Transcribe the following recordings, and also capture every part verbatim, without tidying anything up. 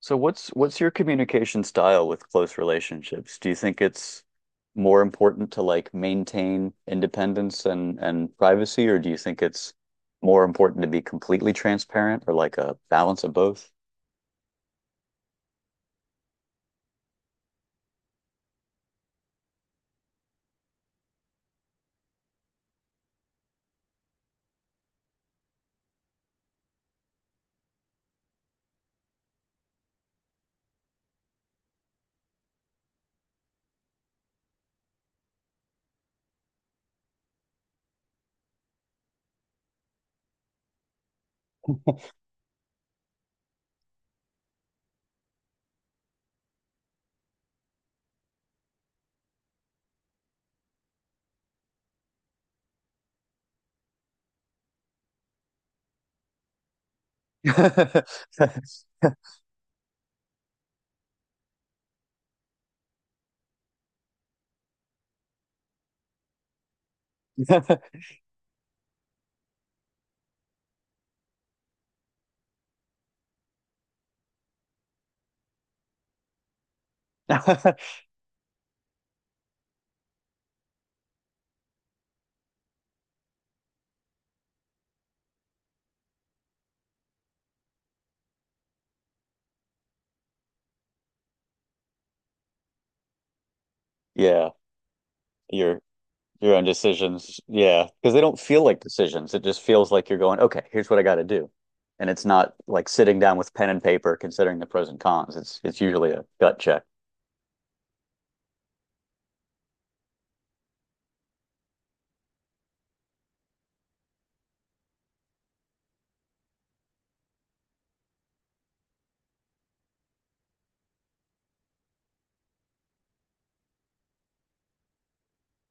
So what's what's your communication style with close relationships? Do you think it's more important to like maintain independence and and privacy, or do you think it's more important to be completely transparent or like a balance of both? Yeah, your your own decisions. Yeah, because they don't feel like decisions. It just feels like you're going, okay, here's what I got to do. And it's not like sitting down with pen and paper considering the pros and cons. It's it's usually a gut check.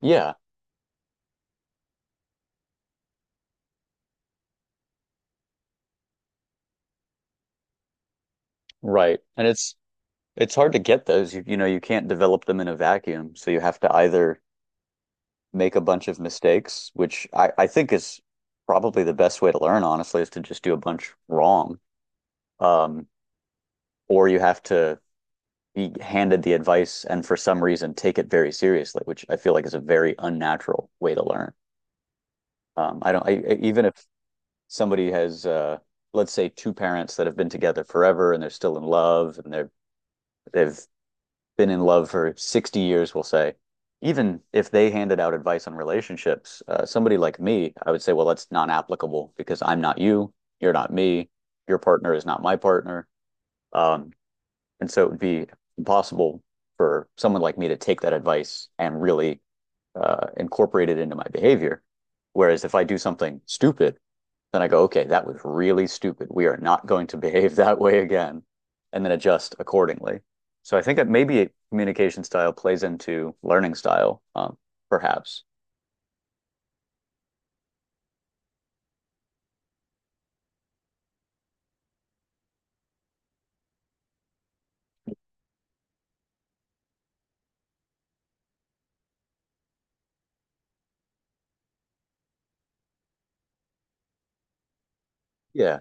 Yeah. Right. And it's it's hard to get those. You, you know, you can't develop them in a vacuum. So you have to either make a bunch of mistakes, which I, I think is probably the best way to learn, honestly, is to just do a bunch wrong. Um, or you have to be handed the advice and for some reason take it very seriously, which I feel like is a very unnatural way to learn. Um, I don't, I, I- Even if somebody has, uh, let's say two parents that have been together forever and they're still in love and they're, they've been in love for sixty years, we'll say, even if they handed out advice on relationships, uh, somebody like me, I would say, well, that's non applicable because I'm not you, you're not me, your partner is not my partner. Um, and so it would be impossible for someone like me to take that advice and really uh, incorporate it into my behavior. Whereas if I do something stupid, then I go, okay, that was really stupid. We are not going to behave that way again, and then adjust accordingly. So I think that maybe communication style plays into learning style, um, perhaps. Yeah.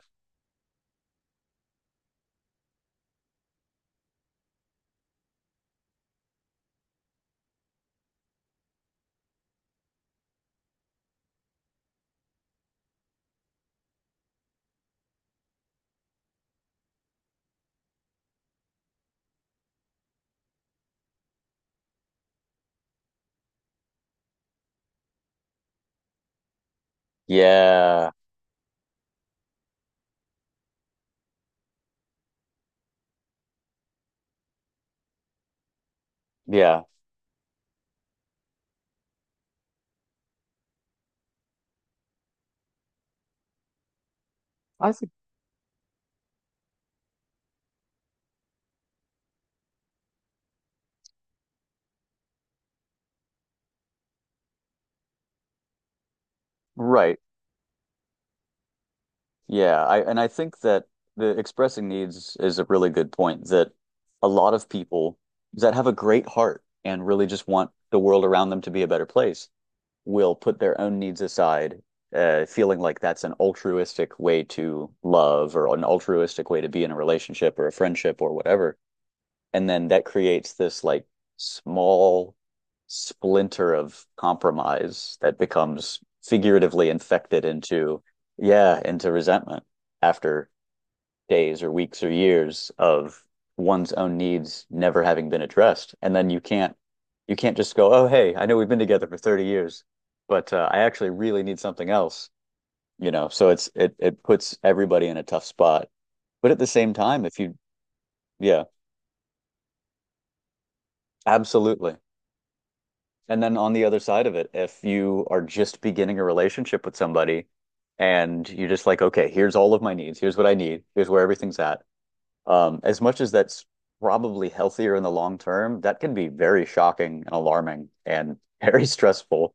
Yeah. Yeah. I think right. Yeah. I and I think that the expressing needs is a really good point that a lot of people that have a great heart and really just want the world around them to be a better place will put their own needs aside, uh, feeling like that's an altruistic way to love or an altruistic way to be in a relationship or a friendship or whatever. And then that creates this like small splinter of compromise that becomes figuratively infected into, yeah, into resentment after days or weeks or years of one's own needs never having been addressed. And then you can't you can't just go, oh, hey, I know we've been together for thirty years, but uh, I actually really need something else, you know. So it's it it puts everybody in a tough spot. But at the same time, if you yeah, absolutely. And then on the other side of it, if you are just beginning a relationship with somebody and you're just like, okay, here's all of my needs, here's what I need, here's where everything's at. Um, As much as that's probably healthier in the long term, that can be very shocking and alarming and very stressful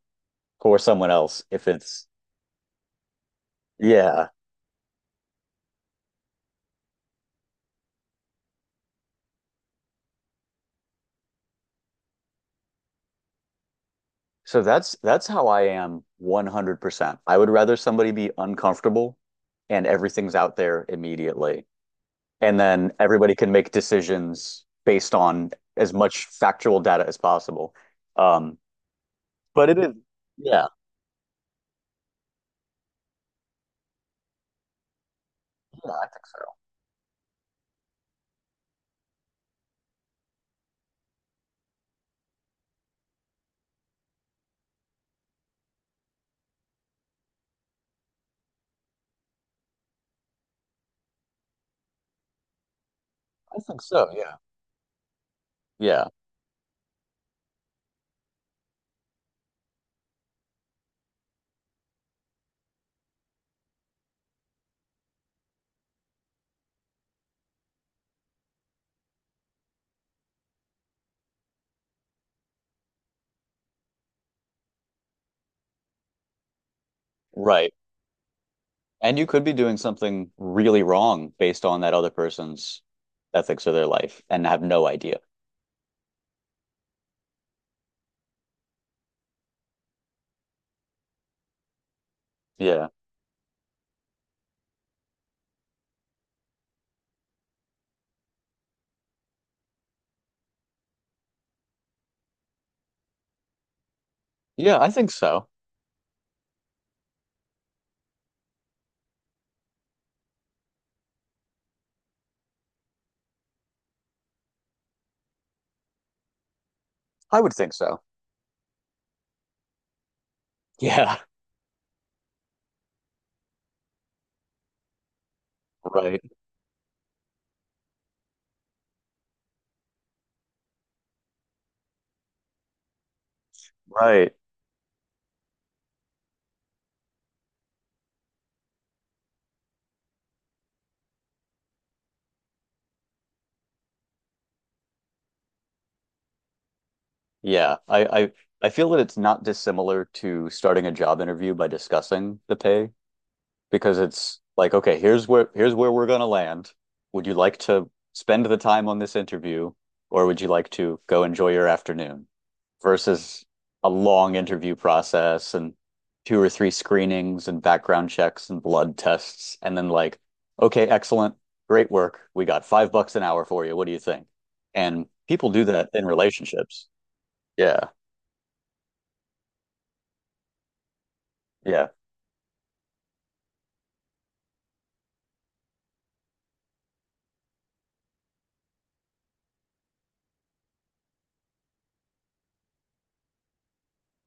for someone else if it's, yeah. So that's that's how I am one hundred percent. I would rather somebody be uncomfortable and everything's out there immediately. And then everybody can make decisions based on as much factual data as possible. Um, but it is, yeah, yeah, I think so. I think so, yeah. Yeah, right. And you could be doing something really wrong based on that other person's ethics or their life and have no idea. Yeah. Yeah, I think so. I would think so. Yeah. Right. Right. Yeah. I, I I feel that it's not dissimilar to starting a job interview by discussing the pay because it's like, okay, here's where here's where we're gonna land. Would you like to spend the time on this interview, or would you like to go enjoy your afternoon? Versus a long interview process and two or three screenings and background checks and blood tests, and then like, okay, excellent, great work. We got five bucks an hour for you. What do you think? And people do that in relationships. Yeah, yeah,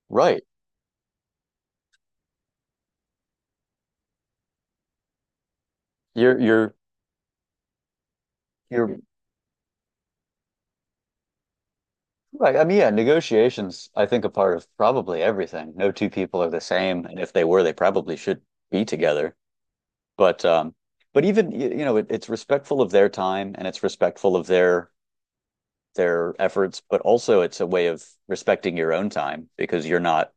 right. You're you're you're Right. I mean, yeah, negotiations, I think, are part of probably everything. No two people are the same, and if they were, they probably should be together. But um, but even y- you know, it, it's respectful of their time and it's respectful of their their efforts, but also it's a way of respecting your own time because you're not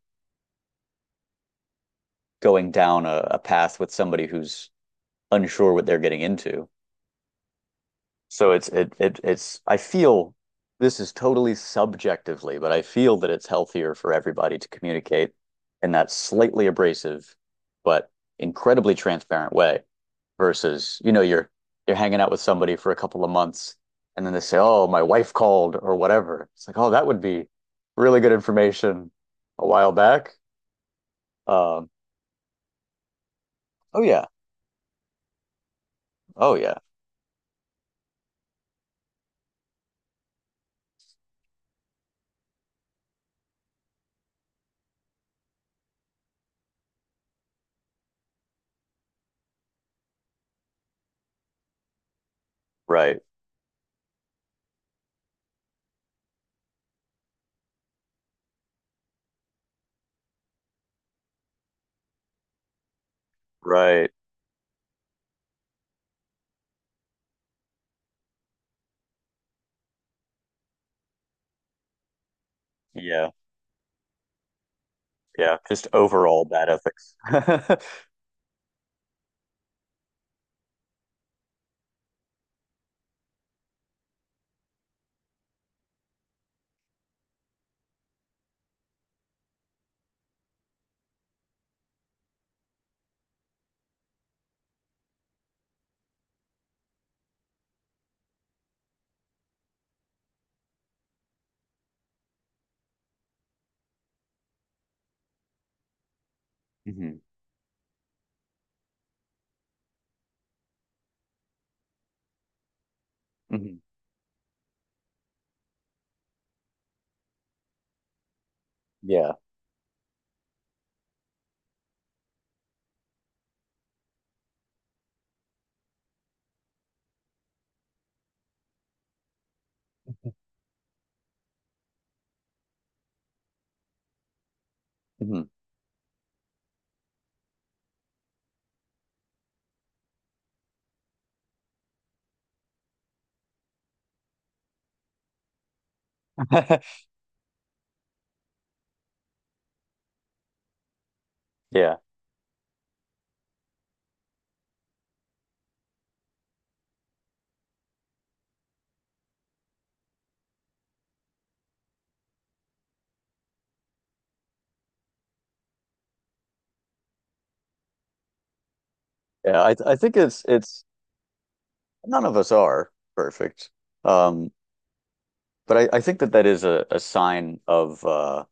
going down a, a path with somebody who's unsure what they're getting into. So it's it it it's I feel this is totally subjectively, but I feel that it's healthier for everybody to communicate in that slightly abrasive but incredibly transparent way versus, you know, you're you're hanging out with somebody for a couple of months and then they say, "Oh, my wife called" or whatever. It's like, "Oh, that would be really good information a while back." Um, oh yeah. Oh yeah. Right. Right. Yeah. Yeah. Just overall bad ethics. Hmm. Hmm. Yeah. Mhm. Yeah. Yeah. I I think it's it's none of us are perfect. Um, but I, I think that that is a, a sign of uh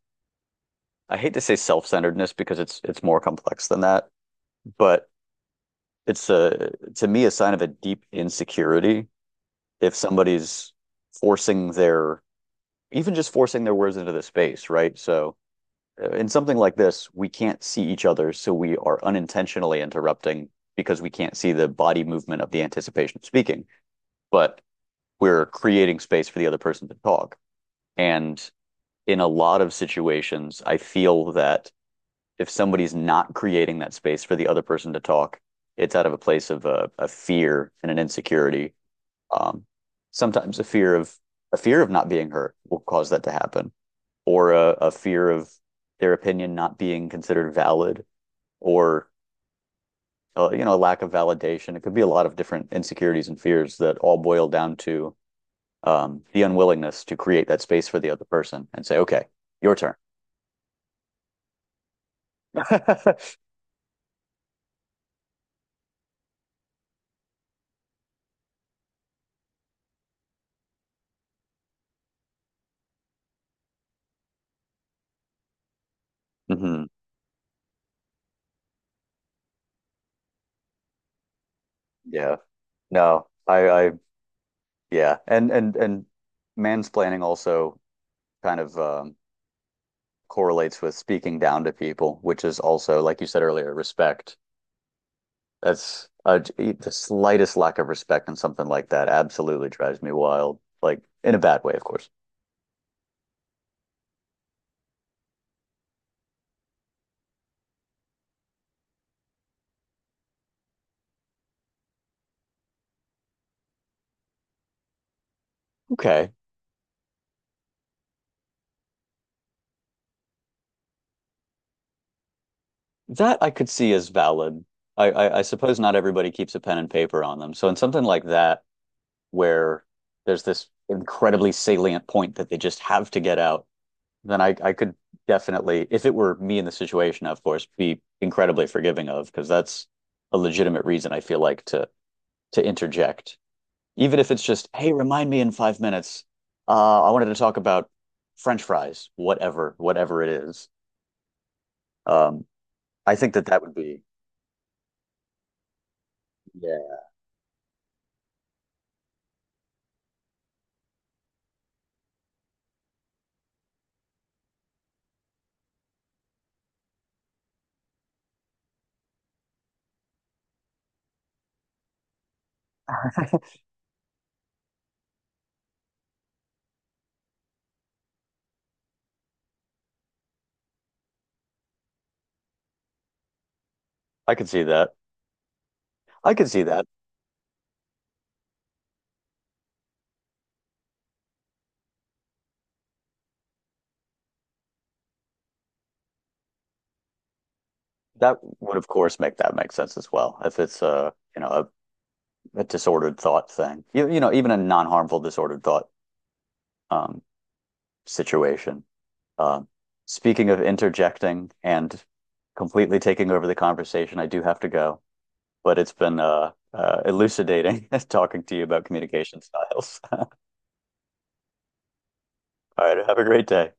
I hate to say self-centeredness because it's it's more complex than that, but it's a to me a sign of a deep insecurity if somebody's forcing their even just forcing their words into the space, right? So uh, in something like this, we can't see each other, so we are unintentionally interrupting because we can't see the body movement of the anticipation of speaking, but we're creating space for the other person to talk. And in a lot of situations, I feel that if somebody's not creating that space for the other person to talk, it's out of a place of a, a fear and an insecurity. Um, Sometimes a fear of a fear of not being heard will cause that to happen, or a, a fear of their opinion not being considered valid, or uh, you know, a lack of validation. It could be a lot of different insecurities and fears that all boil down to um, the unwillingness to create that space for the other person and say, okay, your turn. Hmm. Yeah. No, I, I, yeah. And, and, and mansplaining also kind of um, correlates with speaking down to people, which is also, like you said earlier, respect. That's uh, the slightest lack of respect in something like that absolutely drives me wild, like in a bad way, of course. Okay. That I could see as valid. I, I, I suppose not everybody keeps a pen and paper on them. So in something like that, where there's this incredibly salient point that they just have to get out, then I, I could definitely, if it were me in the situation, of course, be incredibly forgiving of because that's a legitimate reason I feel like to to interject, even if it's just, hey, remind me in five minutes. Uh, I wanted to talk about French fries, whatever, whatever it is. Um, I think that that would be, yeah, I could see that. I could see that. That would, of course, make that make sense as well. If it's, uh, you know, a a disordered thought thing. You, you know, even a non-harmful disordered thought um, situation. Uh, Speaking of interjecting and completely taking over the conversation, I do have to go, but it's been uh, uh, elucidating talking to you about communication styles. All right, have a great day.